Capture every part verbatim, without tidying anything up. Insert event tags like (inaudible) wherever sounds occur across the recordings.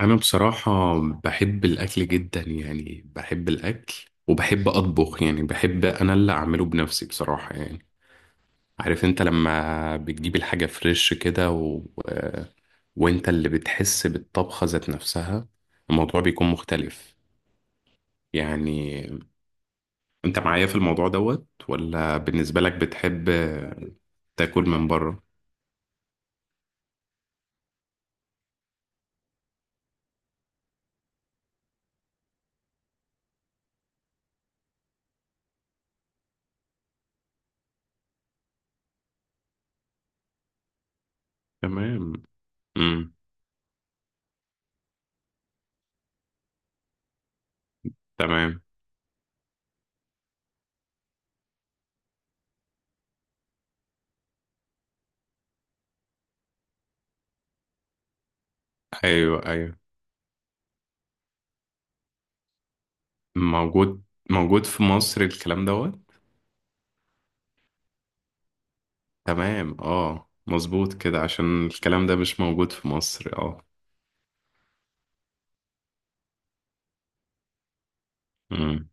انا بصراحة بحب الاكل جدا، يعني بحب الاكل وبحب اطبخ، يعني بحب انا اللي اعمله بنفسي بصراحة يعني. عارف انت لما بتجيب الحاجة فريش كده و... وانت اللي بتحس بالطبخة ذات نفسها، الموضوع بيكون مختلف. يعني انت معايا في الموضوع دوت، ولا بالنسبة لك بتحب تاكل من بره؟ تمام. امم. تمام. ايوه ايوه. موجود، موجود في مصر الكلام دوت. تمام، اه مظبوط كده، عشان الكلام ده مش موجود في مصر، اه. امم.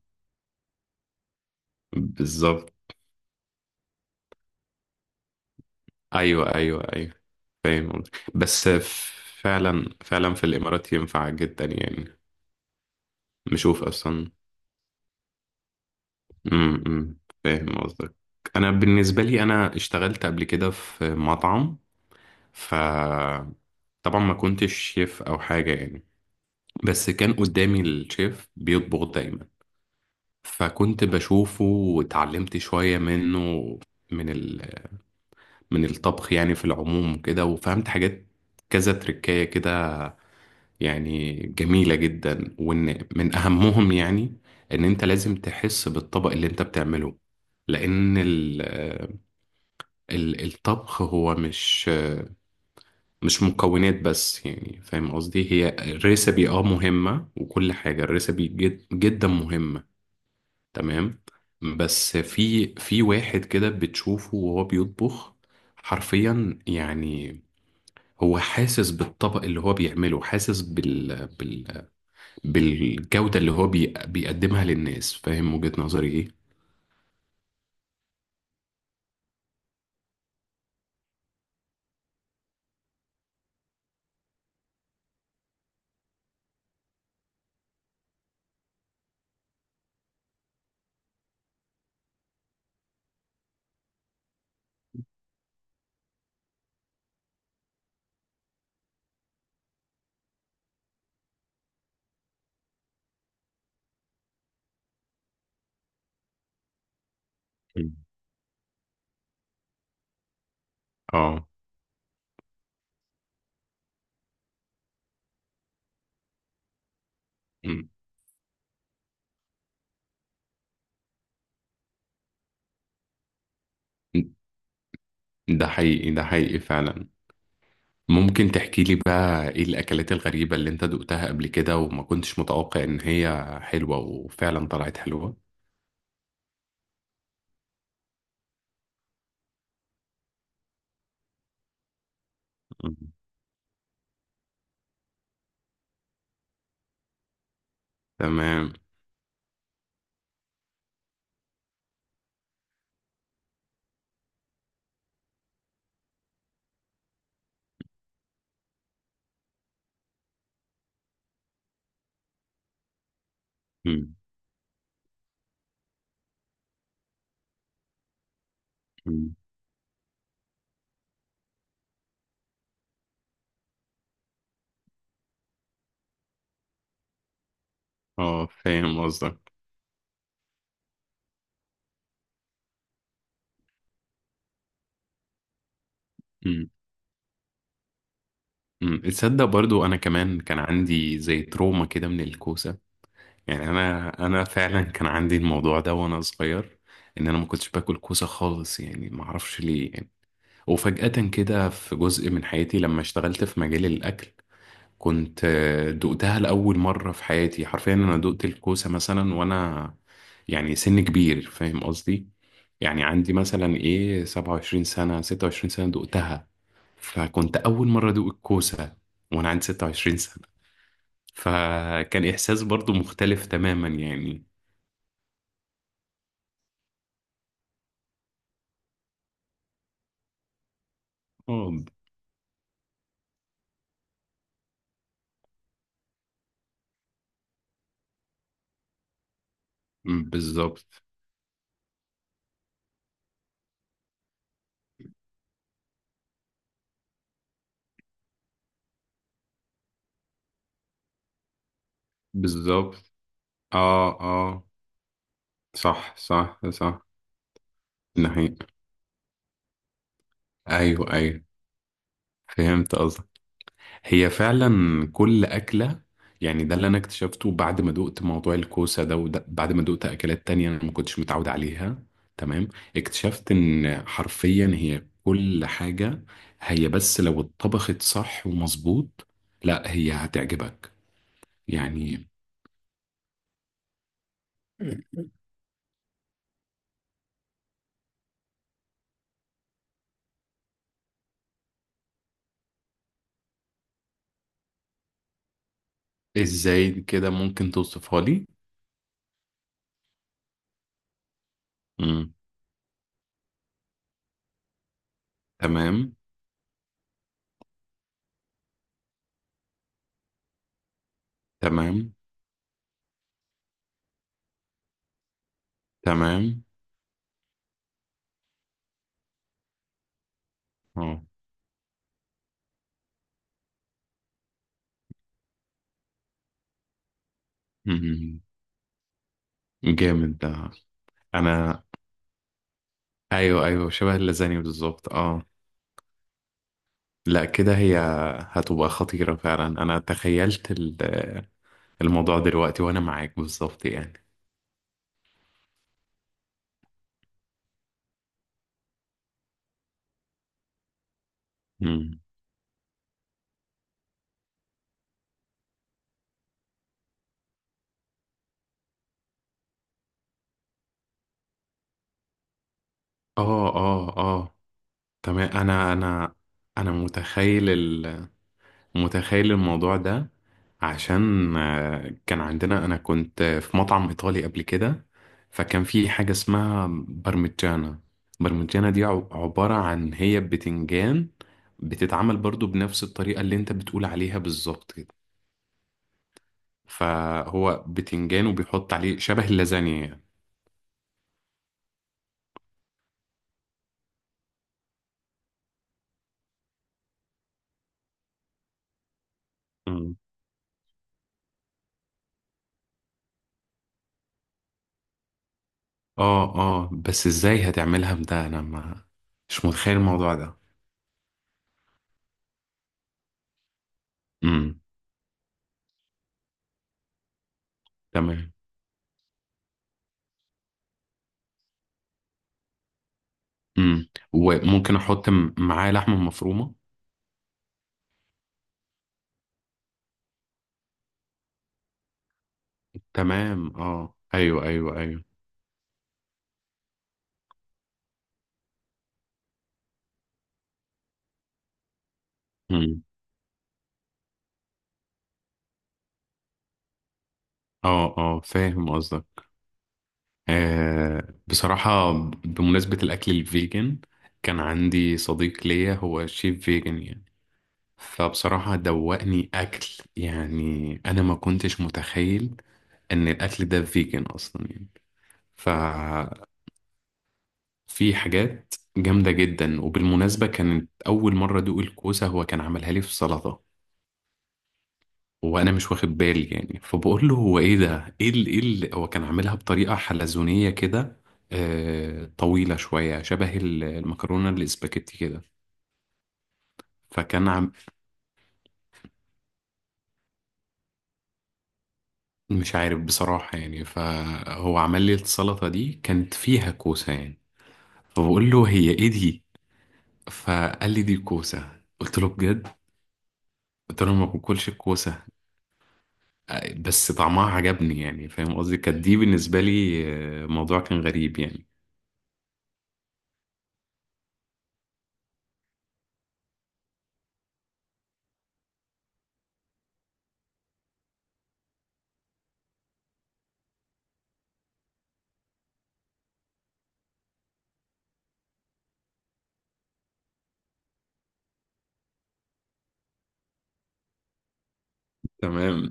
بالظبط. ايوه ايوه ايوه، فاهم قصدك. بس فعلا فعلا في الامارات ينفع جدا يعني. نشوف اصلا. امم، أمم، فاهم قصدك. انا بالنسبه لي، انا اشتغلت قبل كده في مطعم. ف طبعا ما كنتش شيف او حاجه يعني، بس كان قدامي الشيف بيطبخ دايما، فكنت بشوفه واتعلمت شويه منه، من من الطبخ يعني في العموم كده، وفهمت حاجات كذا تركاية كده، يعني جميلة جدا. وان من اهمهم يعني، ان انت لازم تحس بالطبق اللي انت بتعمله، لان ال ال الطبخ هو مش مش مكونات بس، يعني فاهم قصدي، هي الريسبي اه مهمة، وكل حاجة الريسبي جد جدا مهمة. تمام. بس في في واحد كده بتشوفه وهو بيطبخ، حرفيا يعني هو حاسس بالطبق اللي هو بيعمله، حاسس بال... بال... بالجودة اللي هو بي... بيقدمها للناس. فاهم وجهة نظري ايه؟ مم. اه. مم. ده حقيقي، ده حقيقي فعلا. ممكن تحكي لي بقى ايه الأكلات الغريبة اللي انت دقتها قبل كده، وما كنتش متوقع ان هي حلوة، وفعلا طلعت حلوة؟ مم. تمام. مم. مم. اه، فاهم قصدك. مم. مم. تصدق، برضو انا كمان كان عندي زي تروما كده من الكوسة. يعني انا انا فعلا كان عندي الموضوع ده وانا صغير، ان انا ما كنتش باكل كوسه خالص، يعني ما اعرفش ليه يعني. وفجأة كده في جزء من حياتي لما اشتغلت في مجال الاكل، كنت آه، دقتها لاول مره في حياتي حرفيا، انا دقت الكوسه مثلا وانا يعني سن كبير، فاهم قصدي. يعني عندي مثلا ايه سبع وعشرين سنه، ستة وعشرين سنه دقتها، فكنت اول مره ادوق الكوسه وانا عندي ستة وعشرين سنه، فكان احساس برضو مختلف تماما يعني. اه ب- بالظبط. بالظبط. اه اه. صح صح صح. نهي. ايوه ايوه، فهمت قصدك. هي فعلا كل اكله، يعني ده اللي انا اكتشفته بعد ما دقت موضوع الكوسه ده، وده بعد ما دقت اكلات تانية انا ما كنتش متعود عليها. تمام. اكتشفت ان حرفيا هي كل حاجه، هي بس لو اتطبخت صح ومظبوط، لا هي هتعجبك يعني. ازاي كده ممكن توصفها لي؟ تمام. تمام. تمام. اه. (laughs) مم. جامد ده. انا، ايوه ايوه، شبه اللازاني بالظبط اه. لا كده هي هتبقى خطيرة فعلا، انا تخيلت ال- الموضوع دلوقتي وانا معاك بالظبط يعني. مم. اه اه اه. تمام. انا انا انا متخيل، متخيل الموضوع ده، عشان آه، كان عندنا، انا كنت في مطعم ايطالي قبل كده، فكان في حاجة اسمها برمجانا. برمجانا دي عب- عبارة عن هي بتنجان، بتتعمل برضو بنفس الطريقة اللي انت بتقول عليها بالظبط كده، فهو بتنجان وبيحط عليه شبه اللازانيا يعني. مم. اه اه، بس ازاي هتعملها ده؟ انا ما مش متخيل الموضوع ده. امم. تمام. امم، وممكن احط م- معاه لحمة مفرومة؟ تمام. اه ايوه ايوه ايوه. مم. اه اه، فاهم قصدك. آه بصراحة، بمناسبة الأكل الفيجن، كان عندي صديق ليا هو شيف فيجن يعني. فبصراحة دوقني أكل، يعني أنا ما كنتش متخيل إن الأكل ده فيجن أصلا يعني. ففي حاجات جامدة جدا. وبالمناسبة، كانت أول مرة أدوق الكوسة هو كان عملها لي في سلطة، وانا مش واخد بالي يعني، فبقول له هو ايه ده، ايه ال- ايه ال- هو كان عاملها بطريقه حلزونيه كده، آه طويله شويه، شبه ال- المكرونه الاسباجيتي كده. فكان عم مش عارف بصراحه يعني، فهو عمل لي السلطه دي كانت فيها كوسه يعني، فبقول له هي ايه دي، فقال لي دي كوسه، قلت له بجد، قلت له ما باكلش الكوسه، آه، بس طعمها عجبني، يعني فاهم قصدي، كانت دي بالنسبه لي آه، موضوع كان غريب يعني. تمام.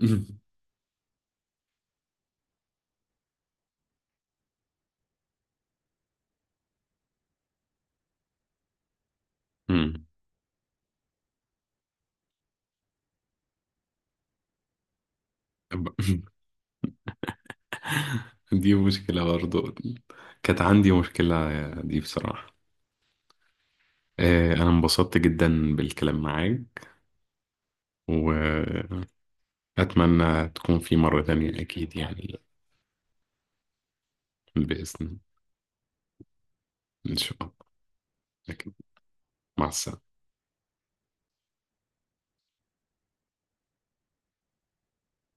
(laughs) مم. (laughs) دي مشكلة برضو، كانت عندي مشكلة دي بصراحة. آه، أنا انبسطت جدا بالكلام معاك. وأتمنى تكون في مرة تانية أكيد يعني. بإذن، إن شاء الله أكيد. مع السلامة.